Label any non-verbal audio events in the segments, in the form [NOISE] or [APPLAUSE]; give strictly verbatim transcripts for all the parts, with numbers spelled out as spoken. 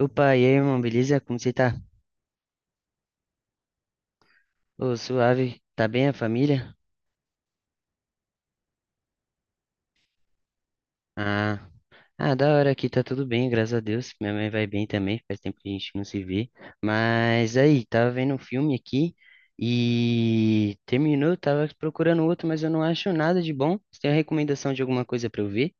Opa, e aí, irmão, beleza? Como você tá? Ô, suave. Tá bem a família? Ah, ah, da hora aqui, tá tudo bem, graças a Deus. Minha mãe vai bem também, faz tempo que a gente não se vê. Mas aí, tava vendo um filme aqui e terminou, tava procurando outro, mas eu não acho nada de bom. Você tem a recomendação de alguma coisa pra eu ver?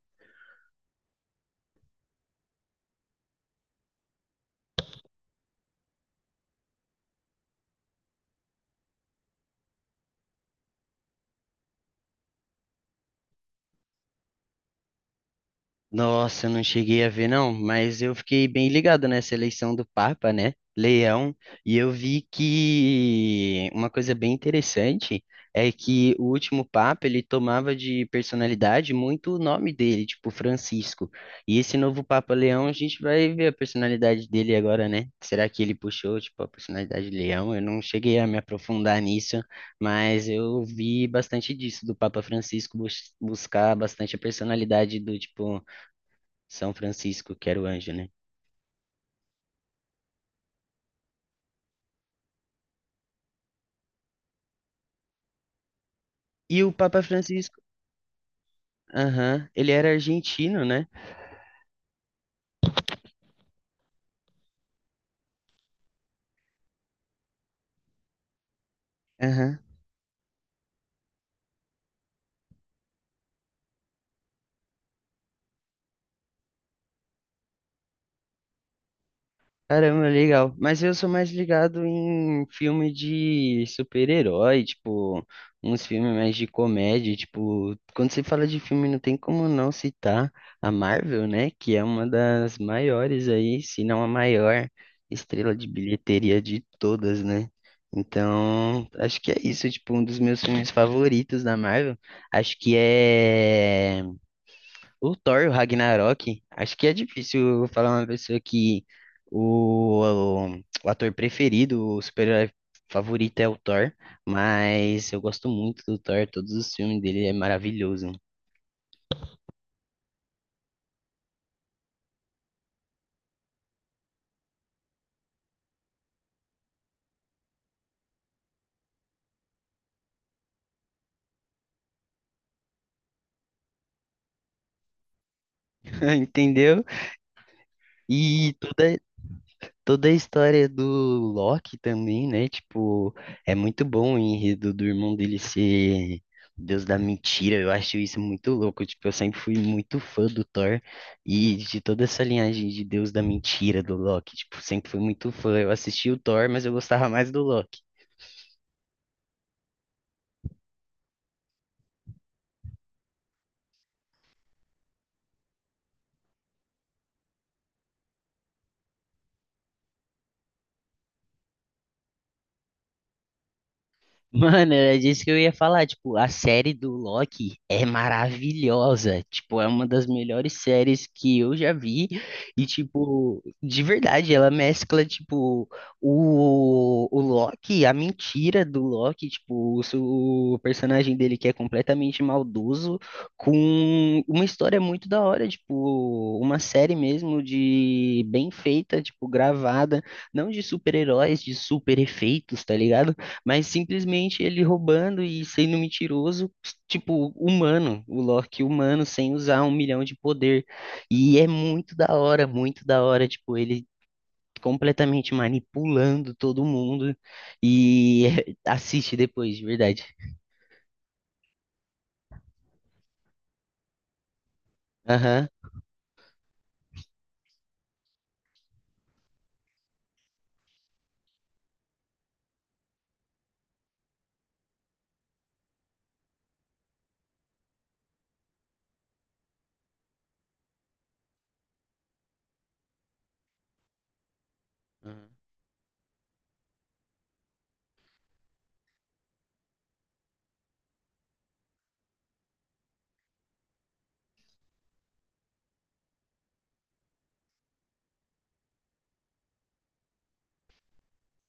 Nossa, eu não cheguei a ver, não, mas eu fiquei bem ligado nessa eleição do Papa, né? Leão, e eu vi que uma coisa bem interessante é que o último Papa ele tomava de personalidade muito o nome dele, tipo Francisco. E esse novo Papa Leão, a gente vai ver a personalidade dele agora, né? Será que ele puxou, tipo, a personalidade de Leão? Eu não cheguei a me aprofundar nisso, mas eu vi bastante disso do Papa Francisco bus- buscar bastante a personalidade do tipo são Francisco, que era o anjo, né? E o Papa Francisco, aham, ele era argentino, né? Aham. Caramba, legal. Mas eu sou mais ligado em filme de super-herói, tipo, uns filmes mais de comédia, tipo, quando você fala de filme não tem como não citar a Marvel, né? Que é uma das maiores aí, se não a maior estrela de bilheteria de todas, né? Então, acho que é isso, tipo, um dos meus filmes favoritos da Marvel. Acho que é o Thor, e o Ragnarok, acho que é difícil eu falar uma pessoa que o, o, o ator preferido, o super-herói favorito é o Thor, mas eu gosto muito do Thor, todos os filmes dele é maravilhoso, [LAUGHS] entendeu? E toda, Toda a história do Loki também, né? Tipo, é muito bom o enredo do irmão dele ser o Deus da mentira. Eu acho isso muito louco. Tipo, eu sempre fui muito fã do Thor e de toda essa linhagem de Deus da mentira do Loki. Tipo, sempre fui muito fã. Eu assisti o Thor, mas eu gostava mais do Loki. Mano, era disso que eu ia falar. Tipo, a série do Loki é maravilhosa. Tipo, é uma das melhores séries que eu já vi. E, tipo, de verdade, ela mescla, tipo, o, o Loki, a mentira do Loki, tipo, o, su- o personagem dele que é completamente maldoso, com uma história muito da hora, tipo, uma série mesmo de bem feita, tipo, gravada, não de super-heróis, de super efeitos, tá ligado? Mas simplesmente ele roubando e sendo mentiroso, tipo, humano, o Loki humano, sem usar um milhão de poder. E é muito da hora, muito da hora, tipo, ele completamente manipulando todo mundo. E [LAUGHS] assiste depois, de verdade. Aham. Aham.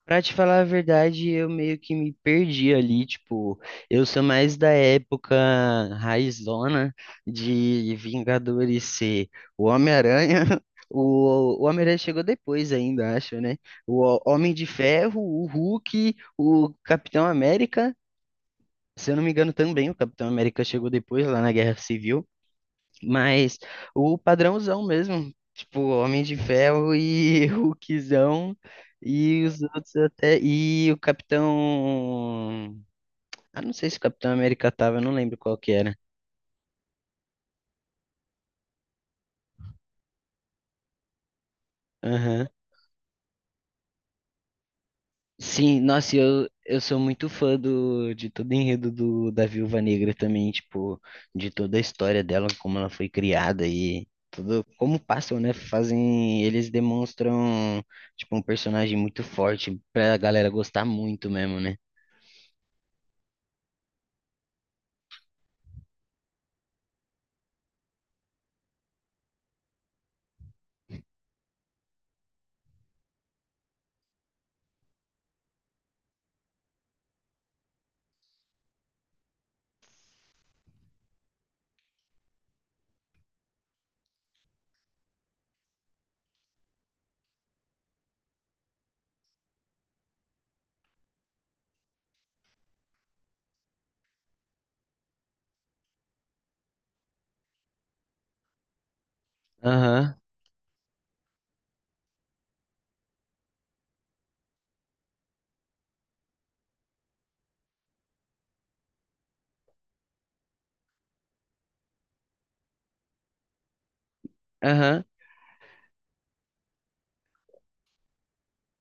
Pra te falar a verdade, eu meio que me perdi ali, tipo, eu sou mais da época raizona de Vingadores ser o Homem-Aranha, [LAUGHS] o, o Homem-Aranha chegou depois ainda, acho, né? O Ho- Homem de Ferro, o Hulk, o Capitão América, se eu não me engano também, o Capitão América chegou depois lá na Guerra Civil, mas o padrãozão mesmo, tipo, Homem de Ferro e [LAUGHS] Hulkzão e os outros até e o Capitão, ah, não sei se o Capitão América tava, eu não lembro qual que era. Aham. Sim, nossa, eu eu sou muito fã do de todo o enredo do da Viúva Negra também, tipo, de toda a história dela, como ela foi criada e tudo, como passam, né? Fazem, eles demonstram tipo um personagem muito forte pra galera gostar muito mesmo, né? Aham, aham.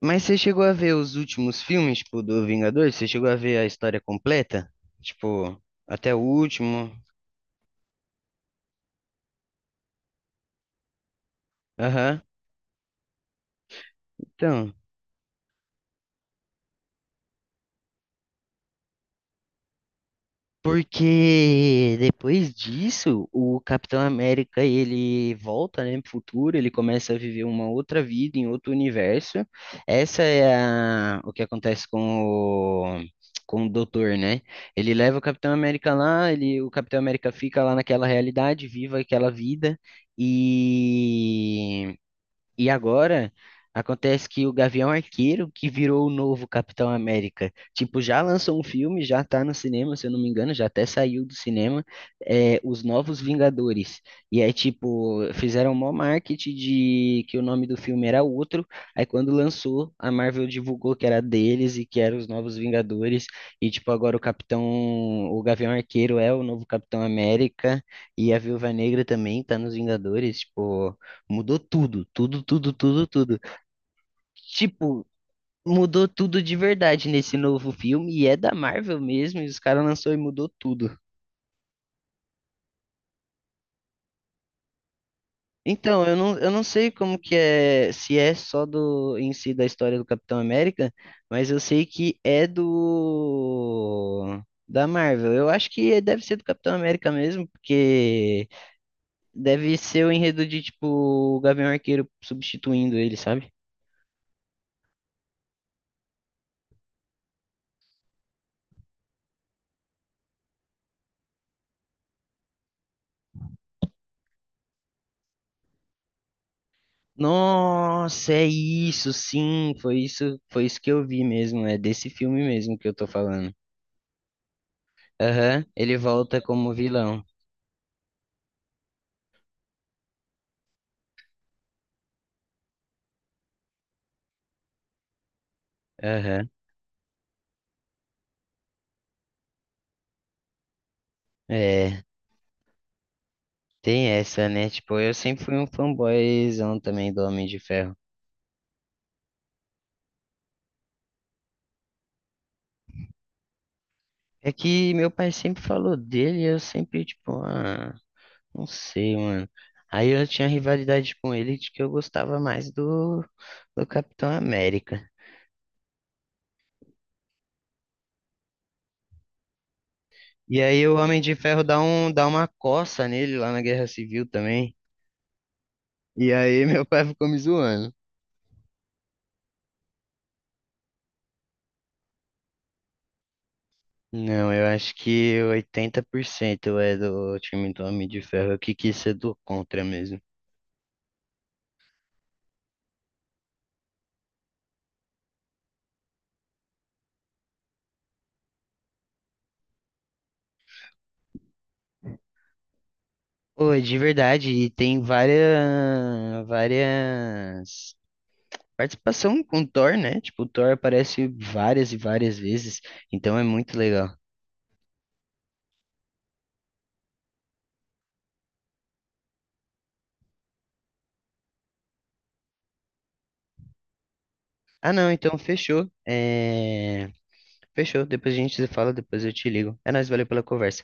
Mas você chegou a ver os últimos filmes, tipo, do Vingadores? Você chegou a ver a história completa? Tipo, até o último? Aham. Então. Porque depois disso, o Capitão América ele volta, né, pro futuro, ele começa a viver uma outra vida em outro universo. Essa é a, o que acontece com o, com o Doutor, né? Ele leva o Capitão América lá, ele, o Capitão América fica lá naquela realidade, viva aquela vida e e agora acontece que o Gavião Arqueiro, que virou o novo Capitão América, tipo, já lançou um filme, já tá no cinema, se eu não me engano, já até saiu do cinema, é, Os Novos Vingadores. E aí, tipo, fizeram mó marketing de que o nome do filme era outro. Aí quando lançou, a Marvel divulgou que era deles e que eram os Novos Vingadores. E, tipo, agora o Capitão, o Gavião Arqueiro é o novo Capitão América, e a Viúva Negra também tá nos Vingadores, tipo. Mudou tudo, tudo, tudo, tudo, tudo. Tipo, mudou tudo de verdade nesse novo filme e é da Marvel mesmo, e os caras lançou e mudou tudo. Então, eu não, eu não sei como que é, se é só do em si da história do Capitão América, mas eu sei que é do da Marvel. Eu acho que deve ser do Capitão América mesmo, porque deve ser o enredo de tipo o Gavião Arqueiro substituindo ele, sabe? Nossa, é isso, sim, foi isso, foi isso que eu vi mesmo, é desse filme mesmo que eu tô falando. Aham, ele volta como vilão. Aham. É, tem essa, né? Tipo, eu sempre fui um fanboyzão também do Homem de Ferro. É que meu pai sempre falou dele, e eu sempre, tipo, ah, não sei, mano. Aí eu tinha rivalidade com ele de que eu gostava mais do, do Capitão América. E aí o Homem de Ferro dá um, dá uma coça nele lá na Guerra Civil também. E aí [LAUGHS] meu pai ficou me zoando. Não, eu acho que oitenta por cento é do time do Homem de Ferro. Eu que quis ser do contra mesmo. Pô, é de verdade, e tem várias, várias participação com o Thor, né? Tipo, o Thor aparece várias e várias vezes, então é muito legal. Ah, não, então fechou. É... Fechou, depois a gente se fala, depois eu te ligo. É nóis, valeu pela conversa.